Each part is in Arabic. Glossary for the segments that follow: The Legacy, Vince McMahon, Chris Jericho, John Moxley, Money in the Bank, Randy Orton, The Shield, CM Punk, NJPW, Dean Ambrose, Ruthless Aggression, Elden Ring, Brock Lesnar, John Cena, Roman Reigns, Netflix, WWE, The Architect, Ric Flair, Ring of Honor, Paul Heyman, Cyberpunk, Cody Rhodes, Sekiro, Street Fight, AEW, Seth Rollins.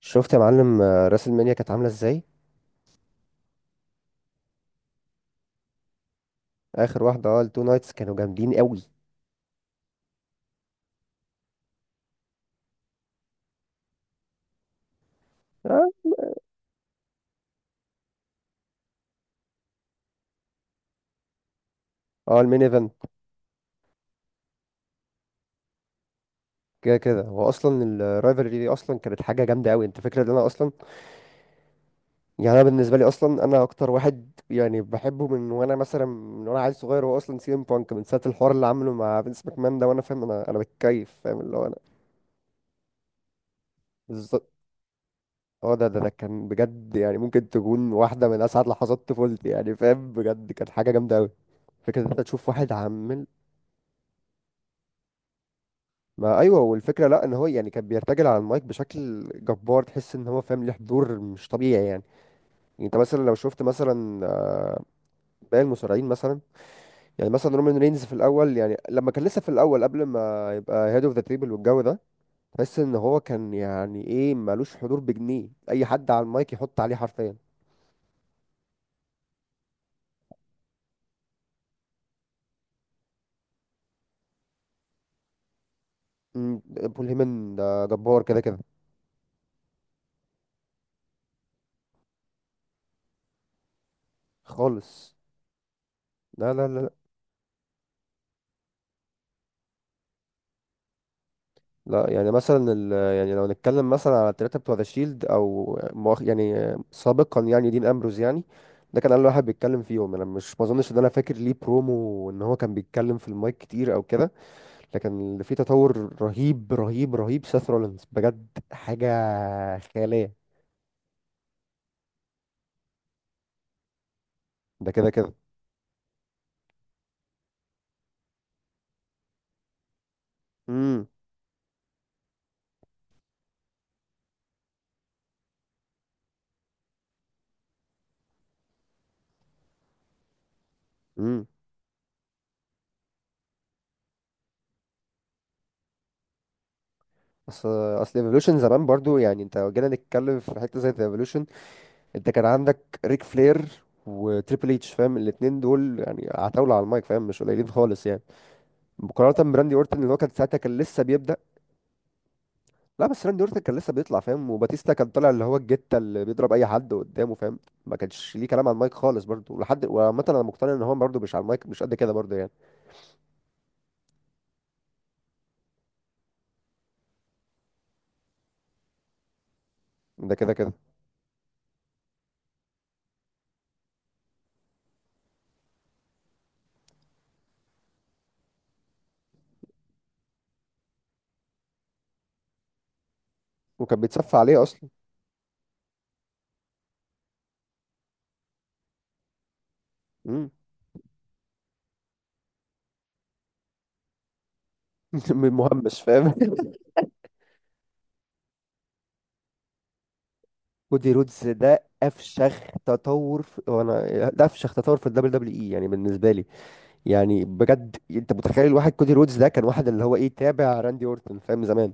شفت يا معلم، راس المنيا كانت عامله ازاي؟ اخر واحده التو نايتس كانوا جامدين قوي. اه، اه، المين ايفنت. كده كده هو اصلا الرايفلري دي اصلا كانت حاجه جامده قوي. انت فاكر ان انا اصلا؟ يعني انا بالنسبه لي اصلا انا اكتر واحد يعني بحبه، من وانا مثلا، من وانا عيل صغير، هو اصلا سي ام بانك من ساعه الحوار اللي عامله مع فينس ماكمان ده، وانا فاهم انا بتكيف، فاهم اللي هو انا. بالظبط. اه، ده كان بجد، يعني ممكن تكون واحده من اسعد لحظات طفولتي، يعني فاهم، بجد كانت حاجه جامده قوي. فكرة إن انت تشوف واحد عمال. ما ايوه، والفكره لا، ان هو يعني كان بيرتجل على المايك بشكل جبار، تحس ان هو فاهم، ليه حضور مش طبيعي يعني. يعني انت مثلا لو شفت مثلا، باقي المصارعين مثلا. يعني مثلا رومان رينز في الاول، يعني لما كان لسه في الاول قبل ما يبقى هيد اوف ذا تريبل والجو ده، تحس ان هو كان يعني ايه، مالوش حضور، بجنيه اي حد على المايك يحط عليه حرفيا. مم، بول هيمن ده جبار كده كده. خالص. لا، لا، لا، لا. يعني مثلا ال... يعني لو نتكلم مثلا على التلاتة بتوع ذا شيلد، او يعني سابقا، يعني دين امبروز يعني. ده كان اول واحد بيتكلم فيهم. انا مش، ما اظنش ان انا فاكر ليه برومو ان هو كان بيتكلم في المايك كتير او كده. لكن اللي فيه تطور رهيب رهيب رهيب سيث رولينز، بجد حاجة خيالية. ده كده كده. امم، امم. اصل اصل ايفولوشن زمان برضو، يعني انت لو جينا نتكلم في حتة زي ايفولوشن، انت كان عندك ريك فلير وتريبل اتش فاهم، الاتنين دول يعني عتاولة على المايك فاهم، مش قليلين خالص يعني، مقارنة براندي اورتن اللي هو كان ساعتها كان لسه بيبدأ. لا، بس راندي اورتن كان لسه بيطلع فاهم، وباتيستا كان طالع اللي هو الجتة اللي بيضرب اي حد قدامه فاهم. ما كانش ليه كلام على المايك خالص برضه ولحد، وعامة انا مقتنع ان هو برضه مش على المايك مش قد كده برضه يعني. ده كده كده. وكان بيتصفى عليه اصلا. مم. مهمش فاهم. كودي رودز ده افشخ تطور في... وانا ده افشخ تطور في الدبليو دبليو اي يعني بالنسبة لي. يعني بجد، انت متخيل واحد كودي رودز ده كان واحد اللي هو ايه، تابع راندي اورتون فاهم زمان؟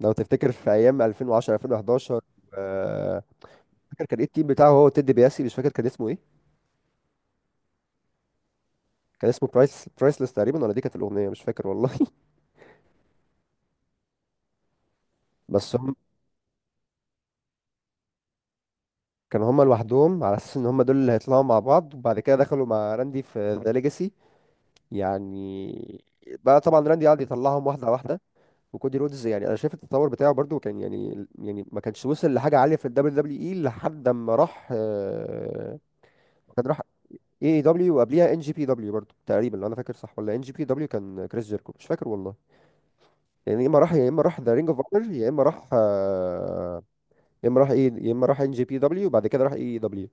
لو تفتكر في ايام 2010 2011. آه، فاكر كان ايه التيم بتاعه، هو تيد بياسي، مش فاكر كان اسمه ايه. كان اسمه برايس برايسلس تقريبا، ولا دي كانت الاغنيه، مش فاكر والله. بس هم. كانوا هم لوحدهم على اساس ان هم دول اللي هيطلعوا مع بعض، وبعد كده دخلوا مع راندي في ذا ليجاسي يعني. بقى طبعا راندي قعد يطلعهم واحده واحده. وكودي رودز، يعني انا شايف التطور بتاعه برضو كان يعني، يعني ما كانش وصل لحاجه عاليه في الدبليو دبليو اي لحد ما راح، كان راح اي دبليو، وقبليها ان جي بي دبليو برضو تقريبا لو انا فاكر صح، ولا ان جي بي دبليو كان كريس جيركو، مش فاكر والله. يعني يا اما راح، يا اما راح ذا رينج اوف اونر، يا اما راح يا اما راح ايه، يا اما راح ان جي بي دبليو، وبعد كده راح اي دبليو.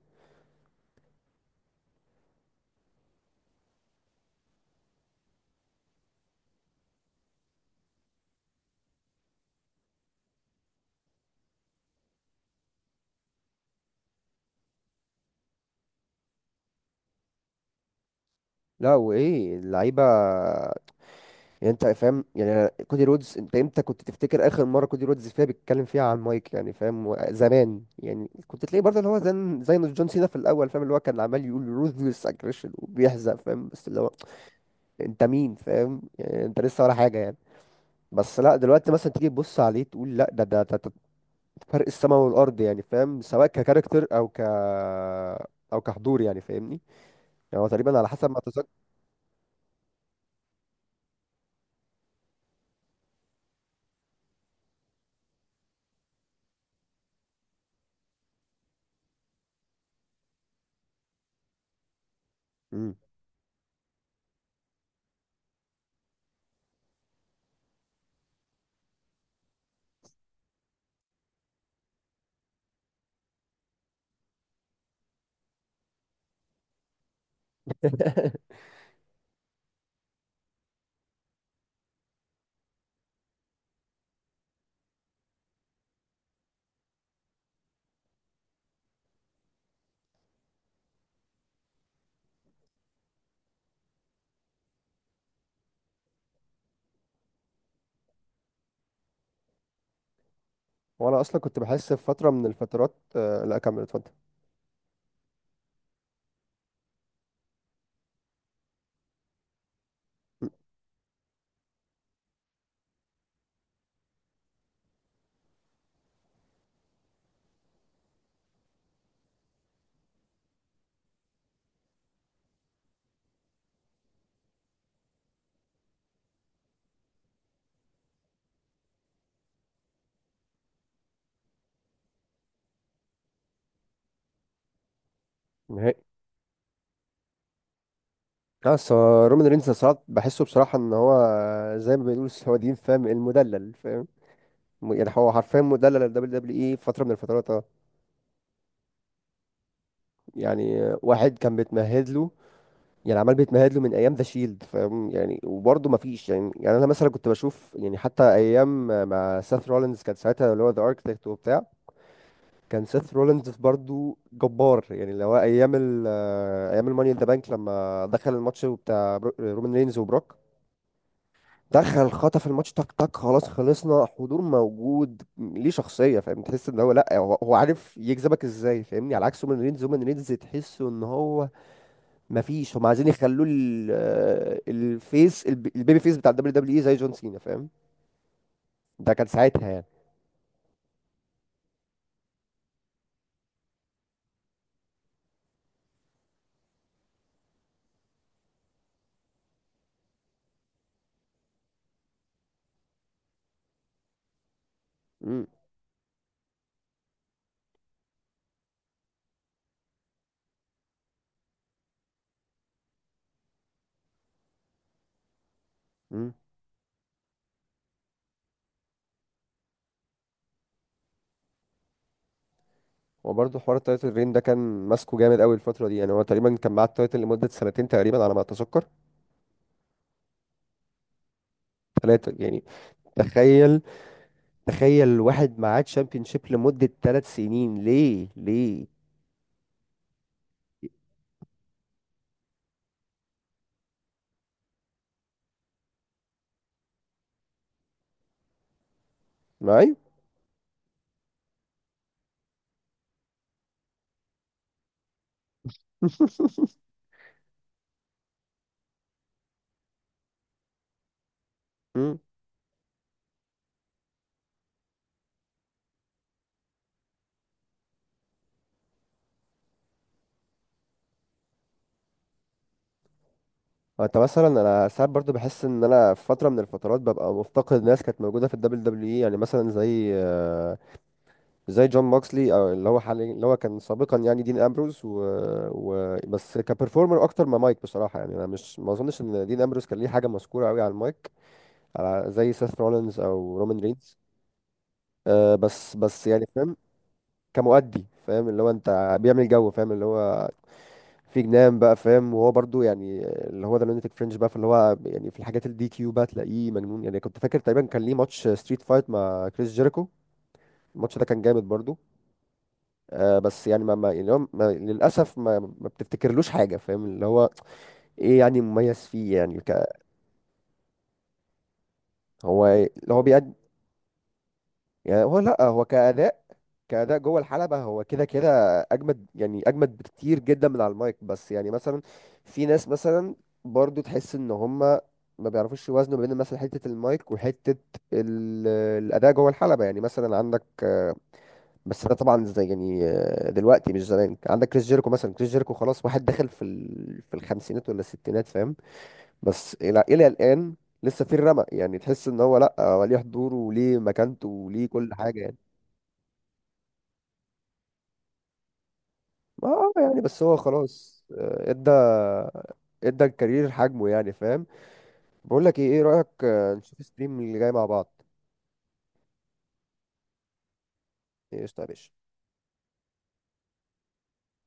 لا، وايه اللعيبه. يعني انت فاهم، يعني كودي رودز، انت امتى كنت تفتكر اخر مره كودي رودز فيها بيتكلم فيها عن مايك؟ يعني فاهم، زمان يعني كنت تلاقي برضه اللي هو زي جون سينا في الاول فاهم، اللي هو كان عمال يقول روثلس اجريشن وبيحزق فاهم، بس اللي هو انت مين فاهم، يعني انت لسه ولا حاجه يعني. بس لا، دلوقتي مثلا تيجي تبص عليه تقول لا، ده. فرق السماء والارض يعني فاهم، سواء ككاركتر او ك، او كحضور يعني فاهمني. يعني هو تقريبا على حسب ما اتذكر. مم. وانا اصلا كنت بحس في فتره من الفترات، لا كمل اتفضل. نهائي. بس هو رومان رينز ساعات بحسه بصراحة، ان هو زي ما بيقولوا السعوديين فاهم، المدلل فاهم، يعني هو حرفيا مدلل ال دبليو دبليو اي فترة من الفترات، اه. يعني واحد كان بيتمهد له، يعني عمال بيتمهد له من ايام ذا شيلد فاهم، يعني وبرضه ما فيش، يعني يعني انا مثلا كنت بشوف، يعني حتى ايام مع سيث رولينز كان ساعتها اللي هو ذا اركتكت وبتاع. كان سيث رولينز برضه جبار، يعني اللي هو ايام ال آه، ايام الماني ان ذا بانك، لما دخل الماتش بتاع رومان رينز وبروك، دخل خطف الماتش، تك تك خلاص خلصنا، حضور موجود، ليه شخصية فاهم، تحس ان هو لا، هو عارف يجذبك ازاي فاهمني، على عكس هومان ريدز. هومان ريدز تحسه ان هو مفيش، هم عايزين يخلوه الفيس البيبي فيس بتاع الدبليو دبليو اي، زي جون سينا فاهم. ده كان ساعتها يعني. امم، امم. وبرضه حوار التايتل رين ده كان ماسكه جامد قوي الفترة دي، يعني هو تقريبا كان معاه التايتل لمدة سنتين تقريبا على ما اتذكر. ثلاثة يعني. تخيل، تخيل واحد معاه تشامبيون شيب لمدة ثلاث سنين، ليه؟ ليه؟ معايا. مم. انت مثلا انا ساعات برضو بحس ان انا في فتره من الفترات ببقى مفتقد ناس كانت موجوده في الدبليو دبليو اي، يعني مثلا زي زي جون موكسلي، او اللي هو حاليا اللي هو كان سابقا يعني دين امبروز، و... و... بس كبرفورمر اكتر ما مايك بصراحه، يعني انا مش، ما اظنش ان دين امبروز كان ليه حاجه مذكوره قوي على المايك، على زي سيث رولينز او رومان رينز. أه بس بس يعني فاهم. كمؤدي فاهم، اللي هو انت بيعمل جو فاهم، اللي هو في جنان بقى فاهم، وهو برضو يعني اللي هو ده لونيتك فرنش بقى، فاللي هو يعني في الحاجات الدي كيو بقى تلاقيه مجنون، يعني كنت فاكر تقريبا كان ليه ماتش ستريت فايت مع كريس جيريكو. الماتش ده كان جامد برضو. آه بس يعني ما, ما يعني هو ما للاسف ما, ما بتفتكرلوش حاجه فاهم، اللي هو ايه يعني مميز فيه، يعني ك. هو إيه، اللي هو بيقد. يعني هو لا، هو كأداء، كأداء جوه الحلبة هو كده كده أجمد، يعني أجمد بكتير جدا من على المايك، بس يعني مثلا في ناس مثلا برضو تحس إن هما ما بيعرفوش يوازنوا بين مثلا حتة المايك وحتة ال- الأداء جوه الحلبة، يعني مثلا عندك، بس ده طبعا زي يعني، دلوقتي مش زمان، عندك كريس جيريكو مثلا، كريس جيريكو خلاص واحد داخل في ال... في الخمسينات ولا الستينات فاهم. بس إلى الآن لسه في الرمق، يعني تحس إن هو لأ، هو ليه حضوره وليه مكانته وليه كل حاجة. ما آه يعني بس هو خلاص، ادى، ادى الكارير حجمه يعني فاهم. بقول لك ايه، ايه رأيك، نشوف ستريم اللي جاي مع بعض؟ ايش طيب.